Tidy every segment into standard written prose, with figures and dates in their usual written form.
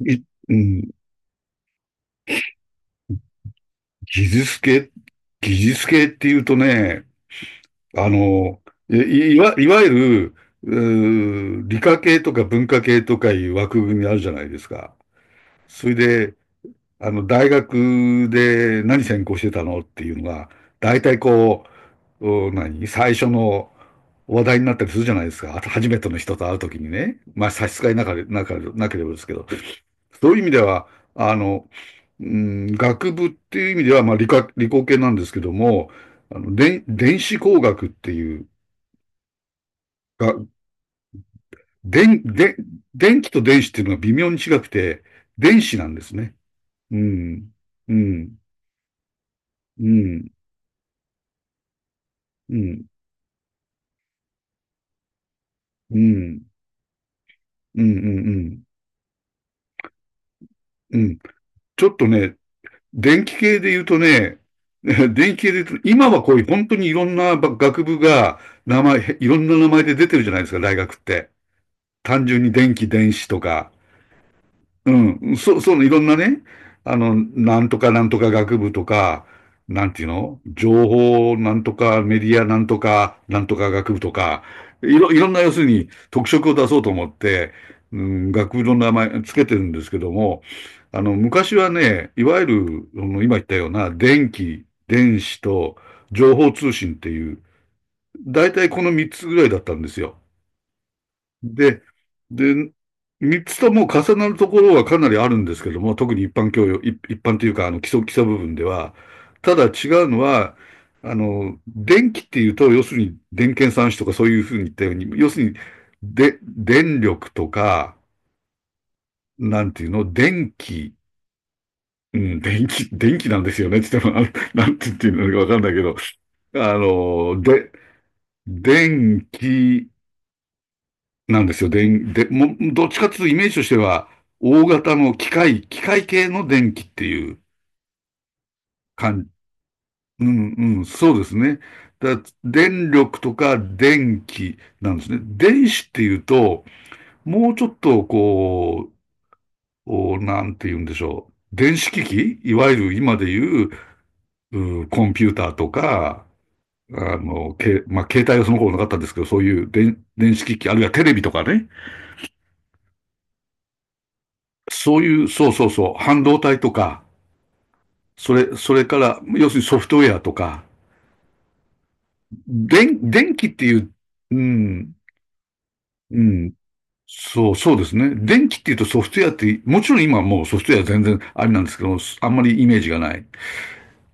い、うん、技術系、技術系っていうとね、あの、い、いわゆる、理科系とか文化系とかいう枠組みあるじゃないですか。それで、大学で何専攻してたのっていうのが、大体最初の話題になったりするじゃないですか。あと初めての人と会うときにね。まあ差し支えなければですけど。そういう意味では、あの、うん、学部っていう意味では、まあ理工系なんですけども、電子工学っていう、が、電、電、電気と電子っていうのが微妙に違くて、電子なんですね。うん、うん、うん、うん。うん、うん、うん、うん。うん。ちょっとね、電気系で言うとね、電気系で言うと、今はこういう本当にいろんな学部が名前、いろんな名前で出てるじゃないですか、大学って。単純に電気、電子とか。うん、そのいろんなね、なんとかなんとか学部とか、なんていうの情報なんとかメディアなんとかなんとか学部とか、いろんな要するに特色を出そうと思って、うん、学部の名前つけてるんですけども、昔はね、いわゆる、あの今言ったような電気、電子と情報通信っていう、大体この3つぐらいだったんですよ。で、で、三つとも重なるところはかなりあるんですけども、特に一般というか、基礎部分では。ただ違うのは、電気っていうと、要するに電検算子とかそういうふうに言ったように、要するに、電力とか、なんていうの、電気、うん、電気なんですよねって言っても、なんて言っていうのかわかんないけど、あの、で、電気なんですよ。電、で、も、どっちかっていうとイメージとしては、大型の機械、機械系の電気っていう感じ。うんうん、そうですね。電力とか電気なんですね。電子っていうと、もうちょっとなんて言うんでしょう。電子機器いわゆる今で言う、うコンピューターとか、まあ、携帯はその頃なかったんですけど、そういう電子機器、あるいはテレビとかね。そういう、そうそうそう、半導体とか、それから、要するにソフトウェアとか、電気っていう、うん、うん、そうですね。電気っていうとソフトウェアって、もちろん今もうソフトウェア全然あれなんですけど、あんまりイメージがない。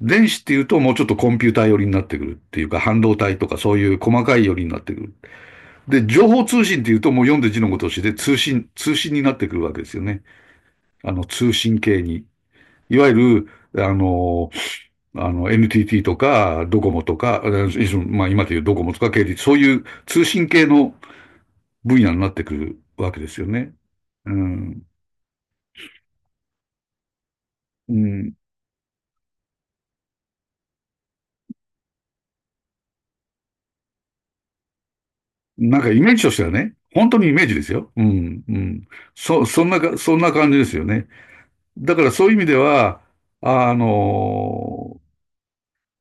電子っていうともうちょっとコンピューター寄りになってくるっていうか、半導体とかそういう細かい寄りになってくる。で、情報通信っていうともう読んで字のごとしで通信になってくるわけですよね。通信系に。いわゆる、NTT とか、ドコモとか、まあ今というドコモとか KT、そういう通信系の分野になってくるわけですよね。うん。うん。なんかイメージとしてはね、本当にイメージですよ。うん。うん。そんな感じですよね。だからそういう意味では、あの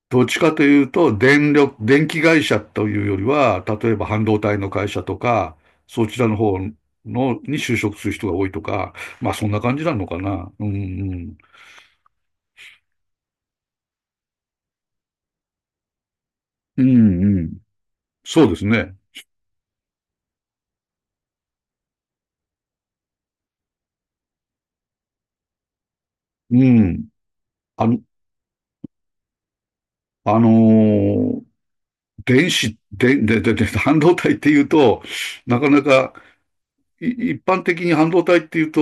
どっちかというと、電気会社というよりは、例えば半導体の会社とか、そちらの方に就職する人が多いとか、まあそんな感じなのかな。うんうん。うんうん。そうですね。うん。あの、あのー電子、で、で、で、で、半導体っていうと、なかなか、い一般的に半導体っていうと、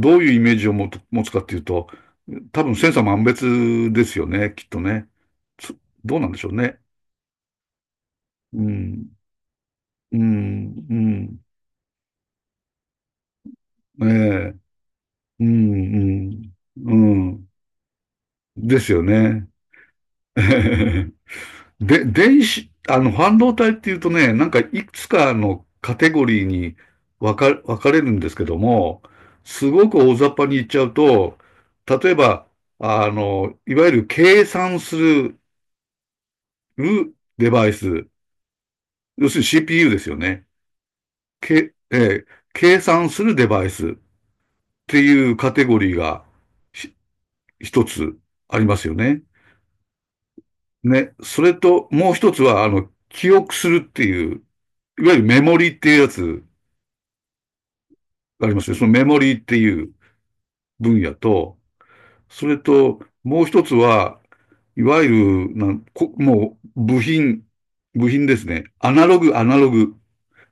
どういうイメージを持つかっていうと、多分千差万別ですよね、きっとね。つどうなんでしょうね。うん、うん、うん、ええ、うん、うん、うん、ですよね。で、電子、あの、半導体っていうとね、なんかいくつかのカテゴリーに分かれるんですけども、すごく大雑把に言っちゃうと、例えば、いわゆる計算するデバイス、要するに CPU ですよね。け、えー計算するデバイスっていうカテゴリーが、一つありますよね。ね。それと、もう一つは、記憶するっていう、いわゆるメモリーっていうやつがありますね。そのメモリーっていう分野と、それと、もう一つは、いわゆる、なんこもう、部品、部品ですね。アナログ。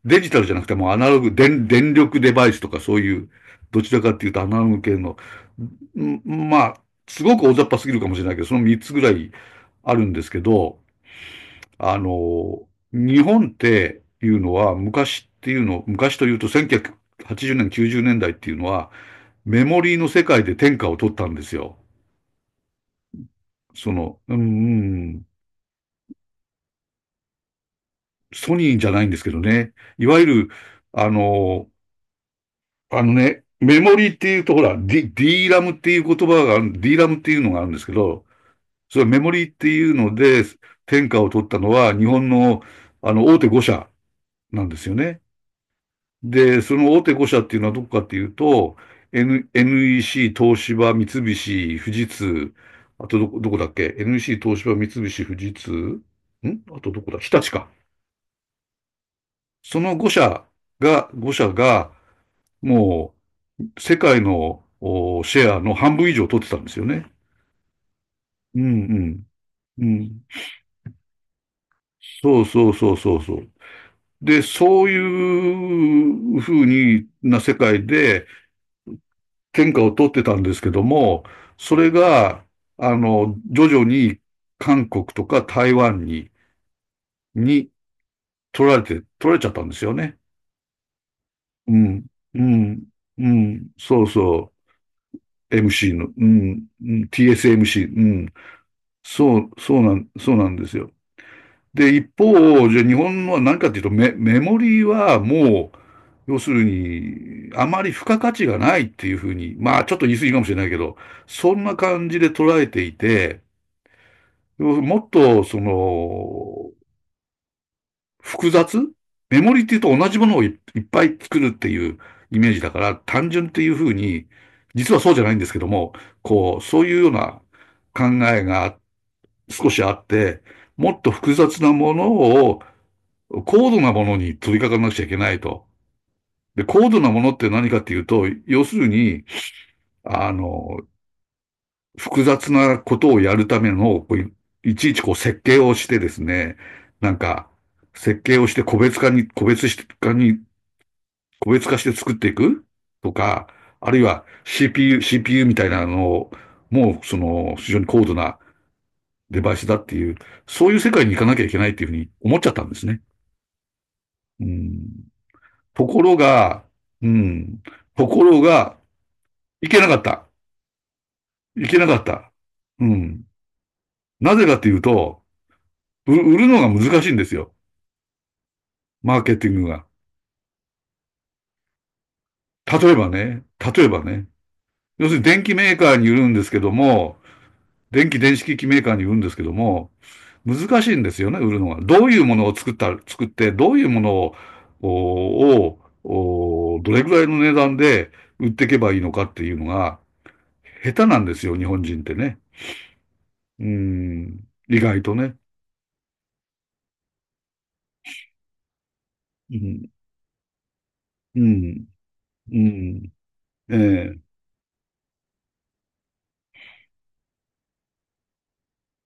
デジタルじゃなくてもうアナログ、電力デバイスとかそういう、どちらかっていうとアナログ系の、まあ、すごく大雑把すぎるかもしれないけど、その3つぐらいあるんですけど、あの、日本っていうのは、昔というと1980年、90年代っていうのは、メモリーの世界で天下を取ったんですよ。その、うん、うん、ソニーじゃないんですけどね。いわゆる、あの、メモリーっていうと、ほら、D ラムっていう言葉がある、D ラムっていうのがあるんですけど、それメモリーっていうので、天下を取ったのは、日本の、大手5社なんですよね。で、その大手5社っていうのはどこかっていうと、NEC、東芝、三菱、富士通、あとどこ、どこだっけ？ NEC、東芝、三菱、富士通、あとどこだ日立か。その5社が、もう、世界のシェアの半分以上取ってたんですよね。うんうん。うん。そうそうそうそうそう。で、そういうふうにな世界で、天下を取ってたんですけども、それが、徐々に韓国とか台湾に、に取られて、取られちゃったんですよね。うん、うん、うん、MC の、うん、うん TSMC、うん、そう、そうなん、そうなんですよ。で、一方、じゃあ日本のは何かっていうと、メモリーはもう、要するに、あまり付加価値がないっていうふうに、まあちょっと言い過ぎかもしれないけど、そんな感じで捉えていて、もっと、その、複雑メモリっていうと同じものをいっぱい作るっていうイメージだから、単純っていうふうに、実はそうじゃないんですけども、こう、そういうような考えが少しあって、もっと複雑なものを高度なものに取り掛かんなくちゃいけないと。で、高度なものって何かっていうと、要するに、あの、複雑なことをやるための、いちいちこう設計をしてですね、なんか、設計をして化に、個別化して作っていくとか、あるいは CPU、CPU みたいなのを、もうその非常に高度なデバイスだっていう、そういう世界に行かなきゃいけないっていうふうに思っちゃったんですね。うん、ところが、うん、ところが、いけなかった。いけなかった。うん。なぜかっていうと、売るのが難しいんですよ。マーケティングが。例えばね、例えばね、要するに電機メーカーに売るんですけども、電気電子機器メーカーに売るんですけども、難しいんですよね、売るのが。どういうものを作って、どういうものを、ををどれぐらいの値段で売っていけばいいのかっていうのが、下手なんですよ、日本人ってね。うん、意外とね。うん、うん、うん、ええ、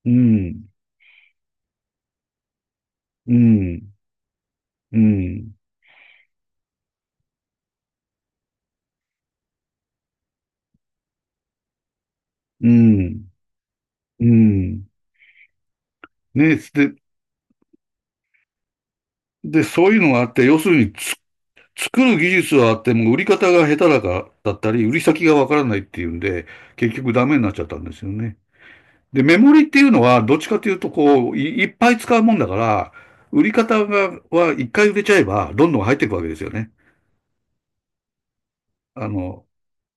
うん、うん、うん、うん、うん。ねで、で、そういうのがあって、要するに作る技術はあっても、売り方が下手だったり、売り先がわからないっていうんで、結局ダメになっちゃったんですよね。で、メモリっていうのは、どっちかというと、こう、いっぱい使うもんだから、売り方は一回売れちゃえば、どんどん入っていくわけですよね。あの、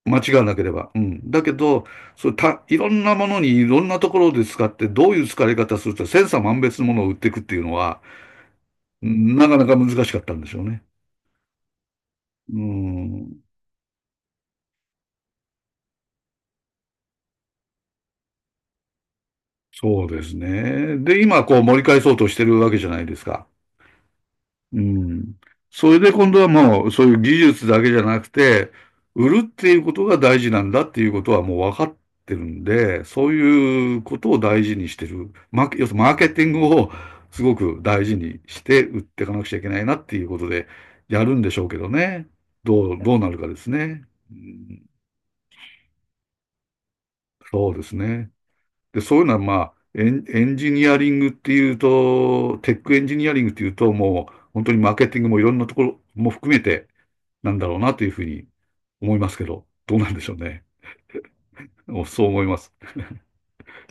間違わなければ。うん。だけど、そうた、いろんなものにいろんなところで使って、どういう使い方すると、千差万別のものを売っていくっていうのは、なかなか難しかったんでしょうね。うん。そうですね。で、今こう盛り返そうとしてるわけじゃないですか。うん。それで今度はもうそういう技術だけじゃなくて、売るっていうことが大事なんだっていうことはもう分かってるんで、そういうことを大事にしてる。マーケ、要するにマーケティングをすごく大事にして売っていかなくちゃいけないなっていうことでやるんでしょうけどね。どうなるかですね。うん、そうですね。で、そういうのは、まあ、エンジニアリングっていうと、テックエンジニアリングっていうと、もう本当にマーケティングもいろんなところも含めてなんだろうなというふうに思いますけど、どうなんでしょうね。そう思います。